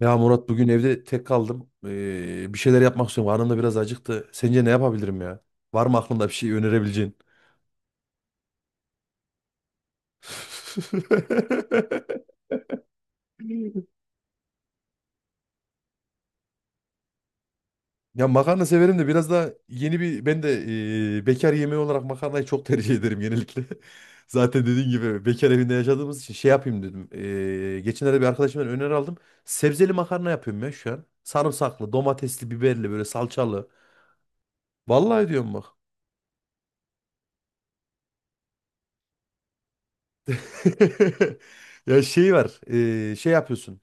Ya Murat bugün evde tek kaldım. Bir şeyler yapmak istiyorum. Karnım da biraz acıktı. Sence ne yapabilirim ya? Var mı aklında bir şey önerebileceğin? Ya makarna severim de biraz da yeni bir ben de bekar yemeği olarak makarnayı çok tercih ederim genellikle. Zaten dediğin gibi bekar evinde yaşadığımız için şey yapayım dedim. Geçenlerde bir arkadaşımdan öneri aldım. Sebzeli makarna yapıyorum ya şu an. Sarımsaklı, domatesli, biberli, böyle salçalı. Vallahi diyorum bak. Ya şey var, şey yapıyorsun.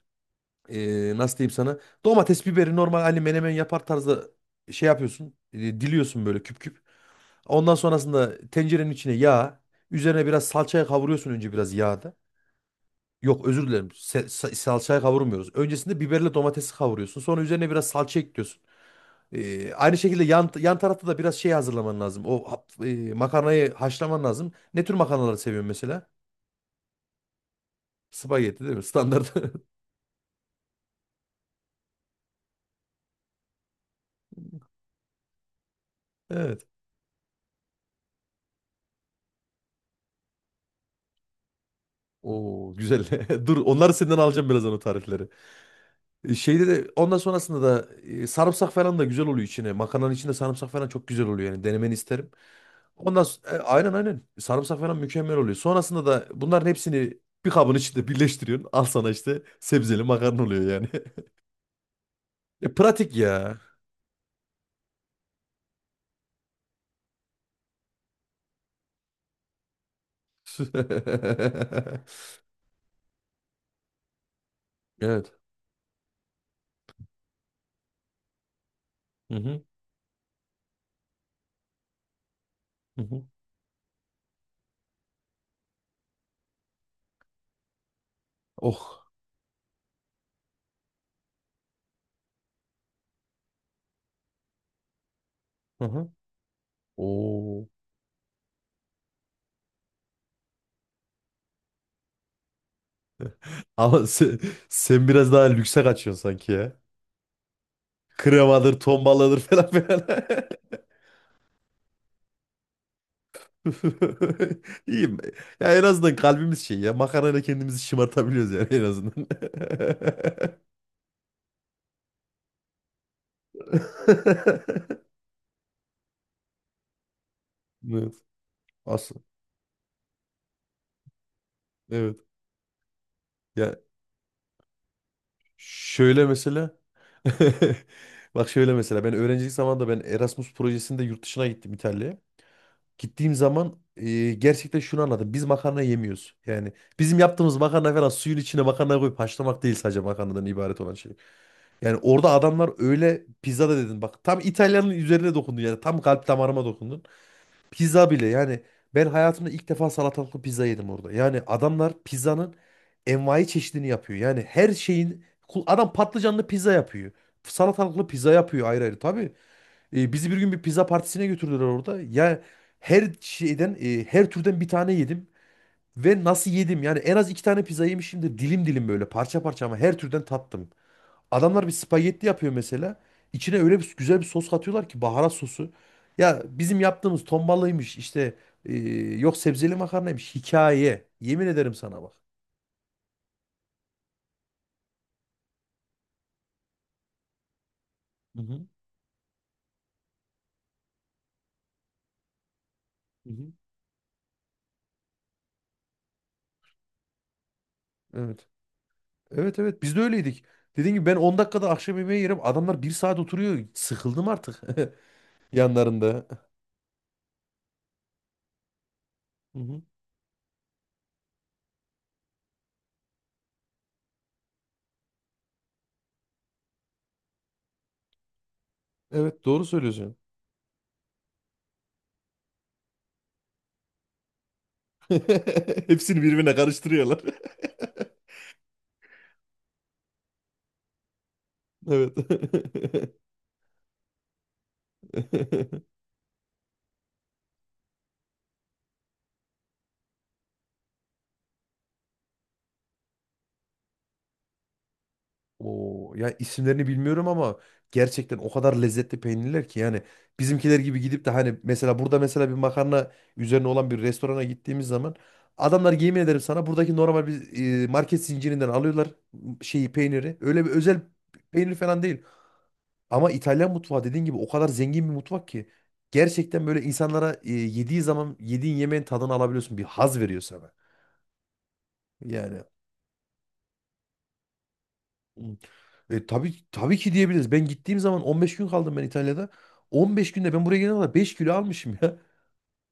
Nasıl diyeyim sana, domates biberi normal hani menemen yapar tarzda şey yapıyorsun, diliyorsun böyle küp küp. Ondan sonrasında tencerenin içine yağ, üzerine biraz salçaya kavuruyorsun önce biraz yağda. Yok özür dilerim, salçaya kavurmuyoruz. Öncesinde biberle domatesi kavuruyorsun, sonra üzerine biraz salça ekliyorsun. Aynı şekilde yan tarafta da biraz şey hazırlaman lazım. Makarnayı haşlaman lazım. Ne tür makarnaları seviyorsun mesela? Spagetti değil mi? Standart. Evet. Oo güzel. Dur, onları senden alacağım birazdan, o tarifleri. Şeyde de ondan sonrasında da sarımsak falan da güzel oluyor içine. Makarnanın içinde sarımsak falan çok güzel oluyor yani, denemeni isterim. Aynen aynen sarımsak falan mükemmel oluyor. Sonrasında da bunların hepsini bir kabın içinde birleştiriyorsun. Al sana işte sebzeli makarna oluyor yani. Pratik ya. Evet. Hı hı. Hı hı. Oh. Hı hı. Oo. Ama sen, sen biraz daha lükse kaçıyorsun sanki ya. Kremadır, ton balığıdır falan filan. İyiyim. Ya en azından kalbimiz şey ya. Makarayla kendimizi şımartabiliyoruz yani, en azından. Evet. Asıl. Evet. Ya şöyle mesela. Bak şöyle mesela, ben öğrencilik zamanında ben Erasmus projesinde yurt dışına gittim, İtalya'ya. Gittiğim zaman gerçekten şunu anladım. Biz makarna yemiyoruz. Yani bizim yaptığımız makarna falan, suyun içine makarna koyup haşlamak değil, sadece makarnadan ibaret olan şey. Yani orada adamlar, öyle pizza da dedin. Bak tam İtalyanın üzerine dokundun yani. Tam kalp damarıma dokundun. Pizza bile yani, ben hayatımda ilk defa salatalıklı pizza yedim orada. Yani adamlar pizzanın envai çeşidini yapıyor. Yani her şeyin kul-, adam patlıcanlı pizza yapıyor. Salatalıklı pizza yapıyor ayrı ayrı. Tabii bizi bir gün bir pizza partisine götürdüler orada. Ya her şeyden her türden bir tane yedim. Ve nasıl yedim? Yani en az iki tane pizza yemişimdir. Dilim dilim böyle, parça parça, ama her türden tattım. Adamlar bir spagetti yapıyor mesela. İçine öyle bir güzel bir sos katıyorlar ki, baharat sosu. Ya bizim yaptığımız tombalıymış işte, e, yok sebzeli makarnaymış, hikaye. Yemin ederim sana bak. Hı hı. Hı hı. Evet. Evet evet, biz de öyleydik. Dediğim gibi ben 10 dakikada akşam yemeği yerim. Adamlar bir saat oturuyor. Sıkıldım artık yanlarında. Hı hı. Evet, doğru söylüyorsun. Hepsini birbirine karıştırıyorlar. Evet. O ya, isimlerini bilmiyorum ama gerçekten o kadar lezzetli peynirler ki yani. Bizimkiler gibi gidip de hani, mesela burada mesela bir makarna üzerine olan bir restorana gittiğimiz zaman, adamlar yemin ederim sana, buradaki normal bir market zincirinden alıyorlar şeyi, peyniri. Öyle bir özel peynir falan değil. Ama İtalyan mutfağı dediğin gibi, o kadar zengin bir mutfak ki, gerçekten böyle insanlara yediği zaman, yediğin yemeğin tadını alabiliyorsun. Bir haz veriyor sana. Yani. Hmm. Tabii tabii ki diyebiliriz. Ben gittiğim zaman 15 gün kaldım ben, İtalya'da. 15 günde ben buraya gelene kadar 5 kilo almışım ya.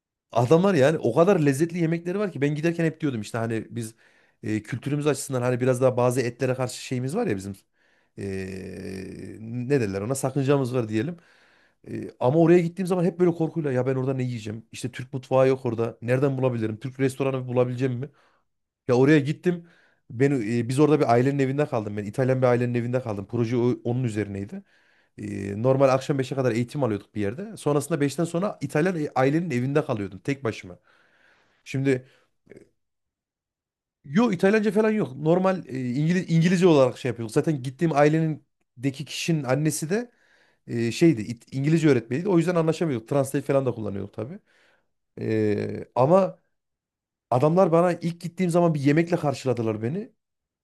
Adamlar yani o kadar lezzetli yemekleri var ki, ben giderken hep diyordum, işte hani biz kültürümüz açısından hani biraz daha bazı etlere karşı şeyimiz var ya bizim. E, Ne derler ona, sakıncamız var diyelim. Ama oraya gittiğim zaman hep böyle korkuyla, ya ben orada ne yiyeceğim? İşte Türk mutfağı yok orada. Nereden bulabilirim? Türk restoranı bulabileceğim mi? Ya oraya gittim. Biz orada bir ailenin evinde kaldım. Ben İtalyan bir ailenin evinde kaldım. Proje onun üzerineydi. Normal akşam beşe kadar eğitim alıyorduk bir yerde. Sonrasında beşten sonra İtalyan ailenin evinde kalıyordum tek başıma. Şimdi yo, İtalyanca falan yok. Normal İngilizce olarak şey yapıyorduk. Zaten gittiğim ailenindeki kişinin annesi de şeydi, İngilizce öğretmeniydi. O yüzden anlaşamıyorduk. Translate falan da kullanıyorduk tabii. Ama adamlar bana ilk gittiğim zaman bir yemekle karşıladılar beni.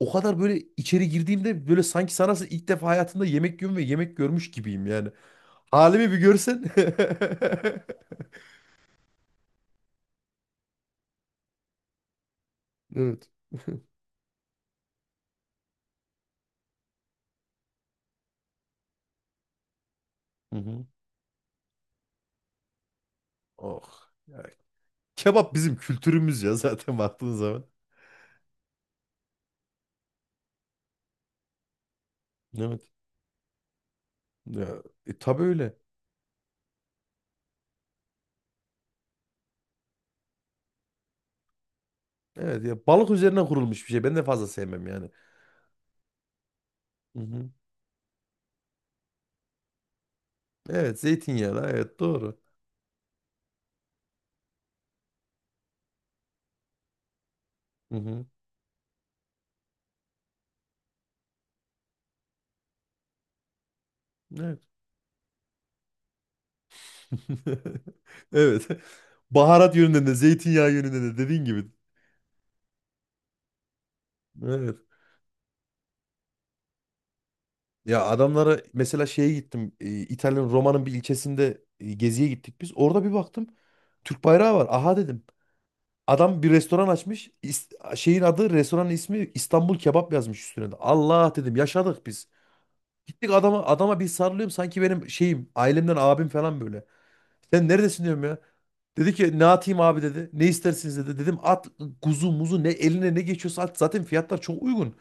O kadar böyle, içeri girdiğimde böyle sanki sana ilk defa hayatımda yemek yiyorum ve yemek görmüş gibiyim yani. Halimi bir görsen. Evet. Hı hı. Oh. Ya kebap bizim kültürümüz ya zaten, baktığın zaman. Evet. Ya, tabii öyle. Evet ya, balık üzerine kurulmuş bir şey. Ben de fazla sevmem yani. Hı hı. Evet zeytinyağlı, evet doğru. Hı hı. Evet. Evet. Baharat yönünden de, zeytinyağı yönünden de dediğin gibi. Evet. Ya adamlara mesela şeye gittim. İtalya'nın Roma'nın bir ilçesinde geziye gittik biz. Orada bir baktım. Türk bayrağı var. Aha dedim. Adam bir restoran açmış. Şeyin adı, restoranın ismi İstanbul Kebap yazmış üstüne de. Allah dedim, yaşadık biz. Gittik adama, adama bir sarılıyorum, sanki benim şeyim, ailemden abim falan böyle. Sen neredesin diyorum ya. Dedi ki ne atayım abi dedi. Ne istersiniz dedi. Dedim at, kuzu muzu ne eline ne geçiyorsa at. Zaten fiyatlar çok uygun.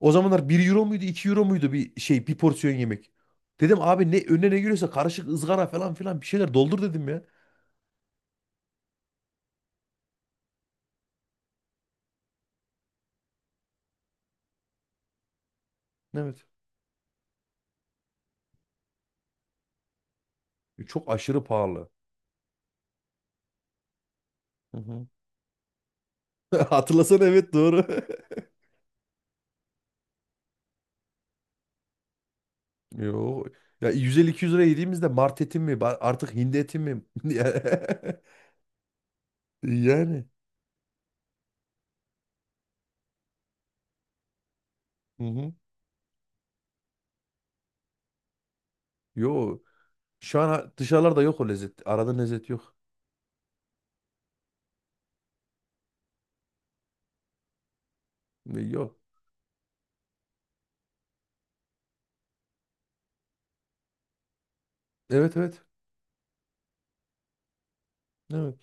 O zamanlar bir euro muydu, 2 euro muydu, bir şey, bir porsiyon yemek. Dedim abi, ne önüne ne giriyorsa karışık ızgara falan filan, bir şeyler doldur dedim ya. Evet. Çok aşırı pahalı. Hı hı. Hatırlasana, evet doğru. Yo. Ya 150-200 lira yediğimizde mart eti mi ba-, artık hindi eti mi? Yani. Hı hı. Yo. Şu an ha- dışarılarda yok o lezzet. Arada lezzet yok. Yok. Evet evet. Evet.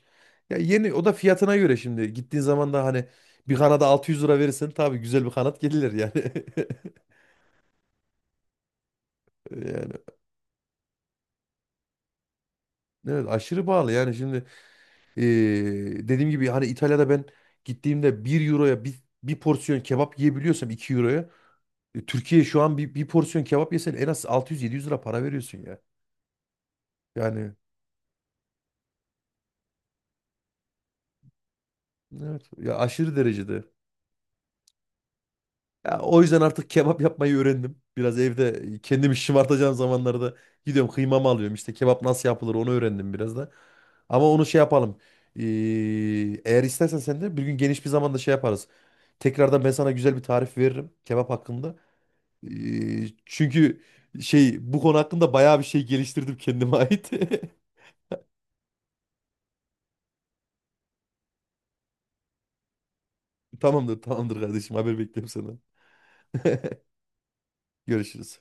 Ya yeni o da fiyatına göre şimdi. Gittiğin zaman da hani, bir kanada 600 lira verirsen tabii güzel bir kanat gelir yani. Yani evet, aşırı pahalı yani şimdi. Dediğim gibi hani, İtalya'da ben gittiğimde bir euroya, bir porsiyon kebap yiyebiliyorsam, 2 euroya, Türkiye şu an bir porsiyon kebap yesen en az 600-700 lira para veriyorsun ya. Yani evet ya, aşırı derecede. Ya, o yüzden artık kebap yapmayı öğrendim. Biraz evde kendimi şımartacağım zamanlarda gidiyorum, kıymamı alıyorum. İşte kebap nasıl yapılır onu öğrendim biraz da. Ama onu şey yapalım. Ee, Eğer istersen sen de bir gün geniş bir zamanda şey yaparız. Tekrardan ben sana güzel bir tarif veririm kebap hakkında. Çünkü şey, bu konu hakkında bayağı bir şey geliştirdim kendime ait. Tamamdır, tamamdır kardeşim. Haber bekliyorum senden. Görüşürüz.